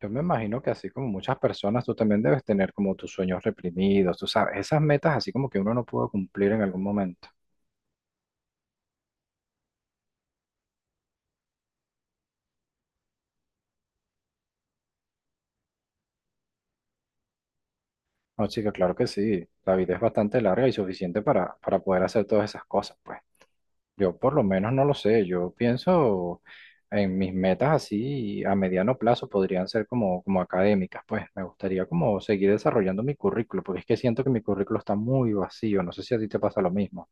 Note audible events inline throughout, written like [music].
Yo me imagino que así como muchas personas, tú también debes tener como tus sueños reprimidos, tú sabes, esas metas así como que uno no pudo cumplir en algún momento. No, chica, claro que sí, la vida es bastante larga y suficiente para poder hacer todas esas cosas, pues. Yo por lo menos no lo sé, yo pienso en mis metas así a mediano plazo podrían ser como académicas, pues. Me gustaría como seguir desarrollando mi currículo, porque es que siento que mi currículo está muy vacío, no sé si a ti te pasa lo mismo.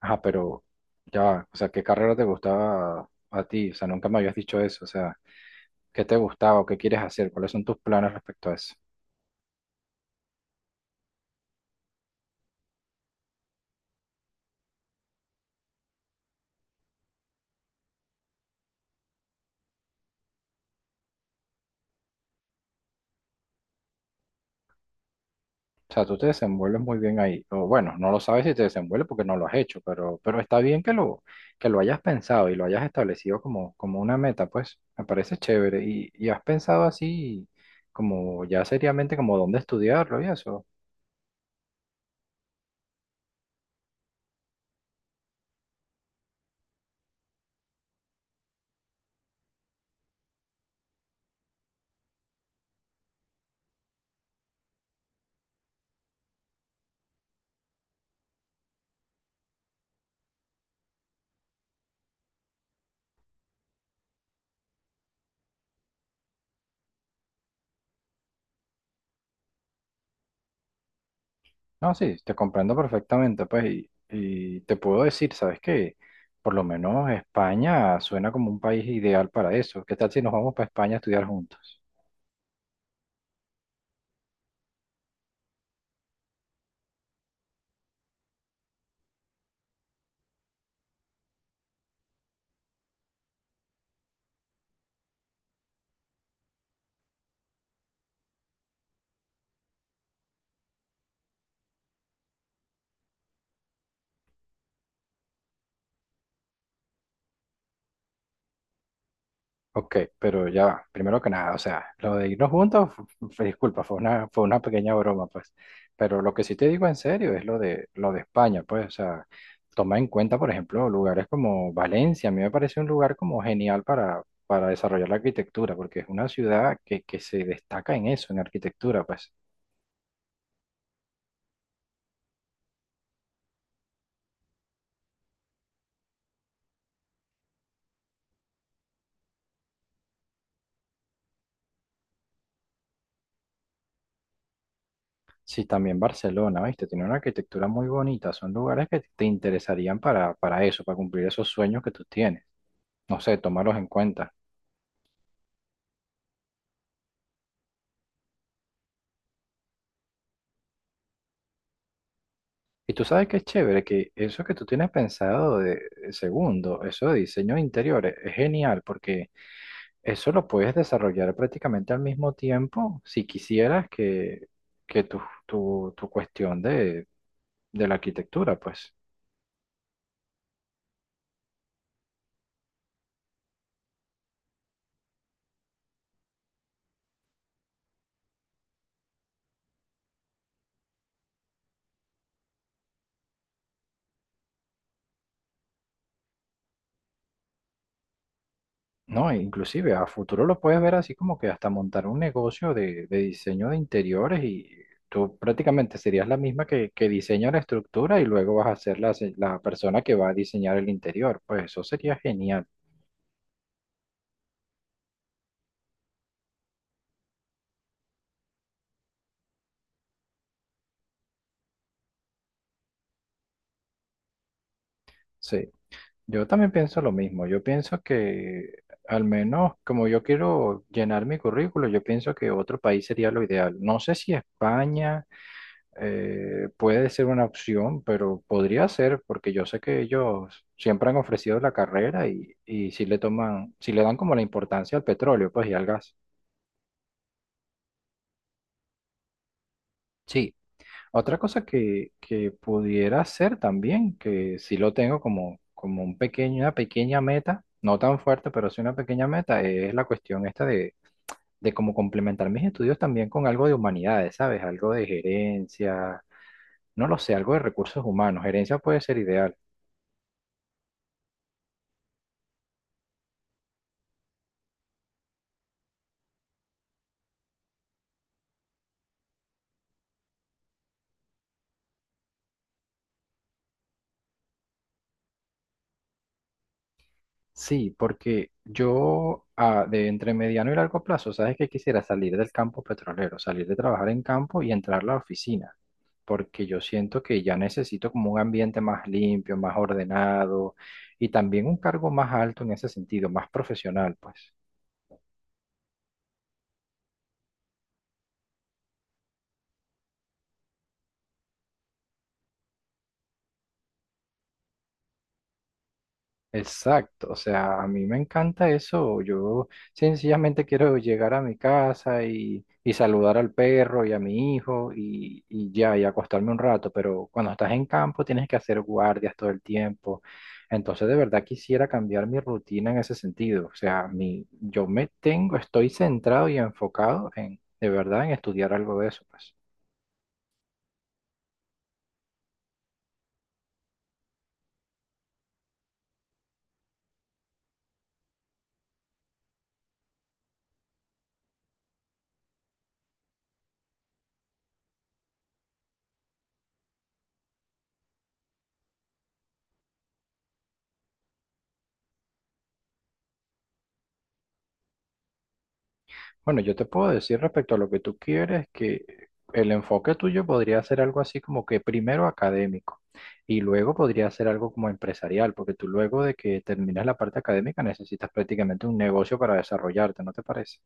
Ajá, pero ya, va, o sea, ¿qué carrera te gustaba a ti? O sea, nunca me habías dicho eso. O sea, ¿qué te gustaba o qué quieres hacer? ¿Cuáles son tus planes respecto a eso? O sea, tú te desenvuelves muy bien ahí. O bueno, no lo sabes si te desenvuelves porque no lo has hecho, pero está bien que lo hayas pensado y lo hayas establecido como una meta, pues me parece chévere. Y has pensado así como ya seriamente como dónde estudiarlo y eso. No, sí, te comprendo perfectamente, pues, y te puedo decir, ¿sabes qué? Por lo menos España suena como un país ideal para eso. ¿Qué tal si nos vamos para España a estudiar juntos? Ok, pero ya va, primero que nada, o sea, lo de irnos juntos, disculpa, fue una pequeña broma, pues, pero lo que sí te digo en serio es lo de España, pues, o sea, toma en cuenta, por ejemplo, lugares como Valencia, a mí me parece un lugar como genial para desarrollar la arquitectura, porque es una ciudad que se destaca en eso, en arquitectura, pues. Sí, también Barcelona, ¿viste? Tiene una arquitectura muy bonita. Son lugares que te interesarían para eso, para cumplir esos sueños que tú tienes. No sé, tomarlos en cuenta. Y tú sabes que es chévere, que eso que tú tienes pensado de segundo, eso de diseño de interiores, es genial porque eso lo puedes desarrollar prácticamente al mismo tiempo si quisieras que tu cuestión de la arquitectura, pues. No, e inclusive a futuro lo puedes ver así como que hasta montar un negocio de diseño de interiores y tú prácticamente serías la misma que diseña la estructura y luego vas a ser la, la persona que va a diseñar el interior. Pues eso sería genial. Sí, yo también pienso lo mismo. Yo pienso que al menos como yo quiero llenar mi currículo, yo pienso que otro país sería lo ideal. No sé si España. Puede ser una opción, pero podría ser, porque yo sé que ellos siempre han ofrecido la carrera y si le toman, si le dan como la importancia al petróleo, pues y al gas. Sí, otra cosa que pudiera ser también, que si lo tengo como un pequeño, una pequeña meta, no tan fuerte, pero sí una pequeña meta, es la cuestión esta de cómo complementar mis estudios también con algo de humanidades, ¿sabes? Algo de gerencia, no lo sé, algo de recursos humanos. Gerencia puede ser ideal. Sí, porque yo de entre mediano y largo plazo, sabes que quisiera salir del campo petrolero, salir de trabajar en campo y entrar a la oficina, porque yo siento que ya necesito como un ambiente más limpio, más ordenado y también un cargo más alto en ese sentido, más profesional, pues. Exacto, o sea, a mí me encanta eso. Yo sencillamente quiero llegar a mi casa y saludar al perro y a mi hijo y ya, y acostarme un rato, pero cuando estás en campo tienes que hacer guardias todo el tiempo. Entonces, de verdad quisiera cambiar mi rutina en ese sentido. O sea, mi, yo me tengo, estoy centrado y enfocado en, de verdad, en estudiar algo de eso, pues. Bueno, yo te puedo decir respecto a lo que tú quieres que el enfoque tuyo podría ser algo así como que primero académico y luego podría ser algo como empresarial, porque tú luego de que terminas la parte académica necesitas prácticamente un negocio para desarrollarte, ¿no te parece?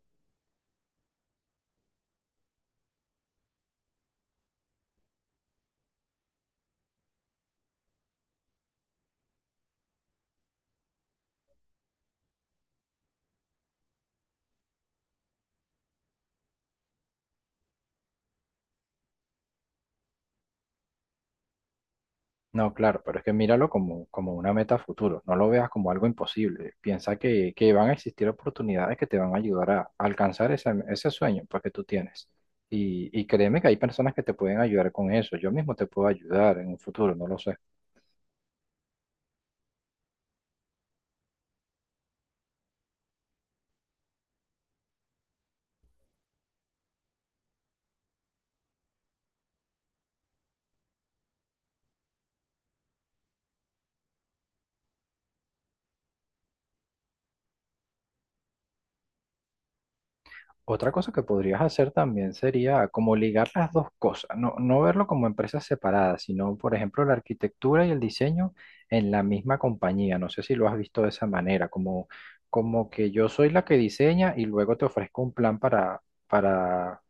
No, claro, pero es que míralo como una meta a futuro, no lo veas como algo imposible, piensa que van a existir oportunidades que te van a ayudar a alcanzar ese, ese sueño pues, que tú tienes. Y créeme que hay personas que te pueden ayudar con eso, yo mismo te puedo ayudar en un futuro, no lo sé. Otra cosa que podrías hacer también sería como ligar las dos cosas, no, no verlo como empresas separadas, sino, por ejemplo, la arquitectura y el diseño en la misma compañía. No sé si lo has visto de esa manera, como, como que yo soy la que diseña y luego te ofrezco un plan para,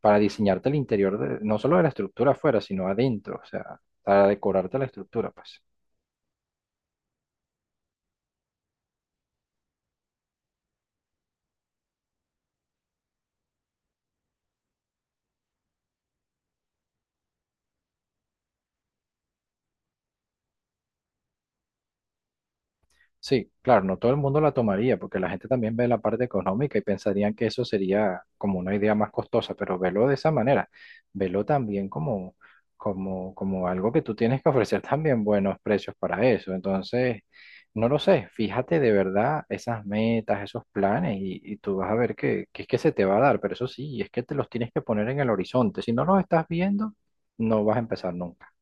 para diseñarte el interior, no solo de la estructura afuera, sino adentro, o sea, para decorarte la estructura, pues. Sí, claro, no todo el mundo la tomaría, porque la gente también ve la parte económica y pensarían que eso sería como una idea más costosa, pero velo de esa manera, velo también como, como, como algo que tú tienes que ofrecer [laughs] también buenos precios para eso. Entonces, no lo sé, fíjate de verdad esas metas, esos planes, y tú vas a ver que es que se te va a dar, pero eso sí, es que te los tienes que poner en el horizonte. Si no los estás viendo, no vas a empezar nunca.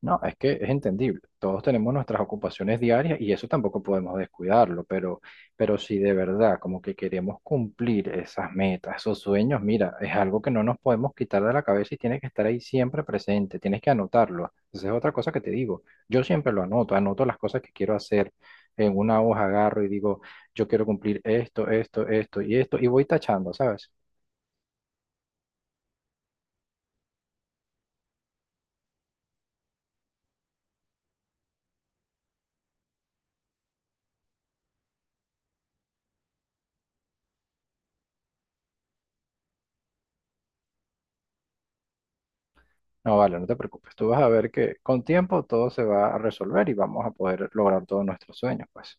No, es que es entendible. Todos tenemos nuestras ocupaciones diarias y eso tampoco podemos descuidarlo, pero si de verdad como que queremos cumplir esas metas, esos sueños, mira, es algo que no nos podemos quitar de la cabeza y tiene que estar ahí siempre presente, tienes que anotarlo. Esa es otra cosa que te digo. Yo siempre lo anoto, anoto las cosas que quiero hacer. En una hoja agarro y digo, yo quiero cumplir esto, esto, esto y esto, y voy tachando, ¿sabes? No, vale, no te preocupes. Tú vas a ver que con tiempo todo se va a resolver y vamos a poder lograr todos nuestros sueños, pues.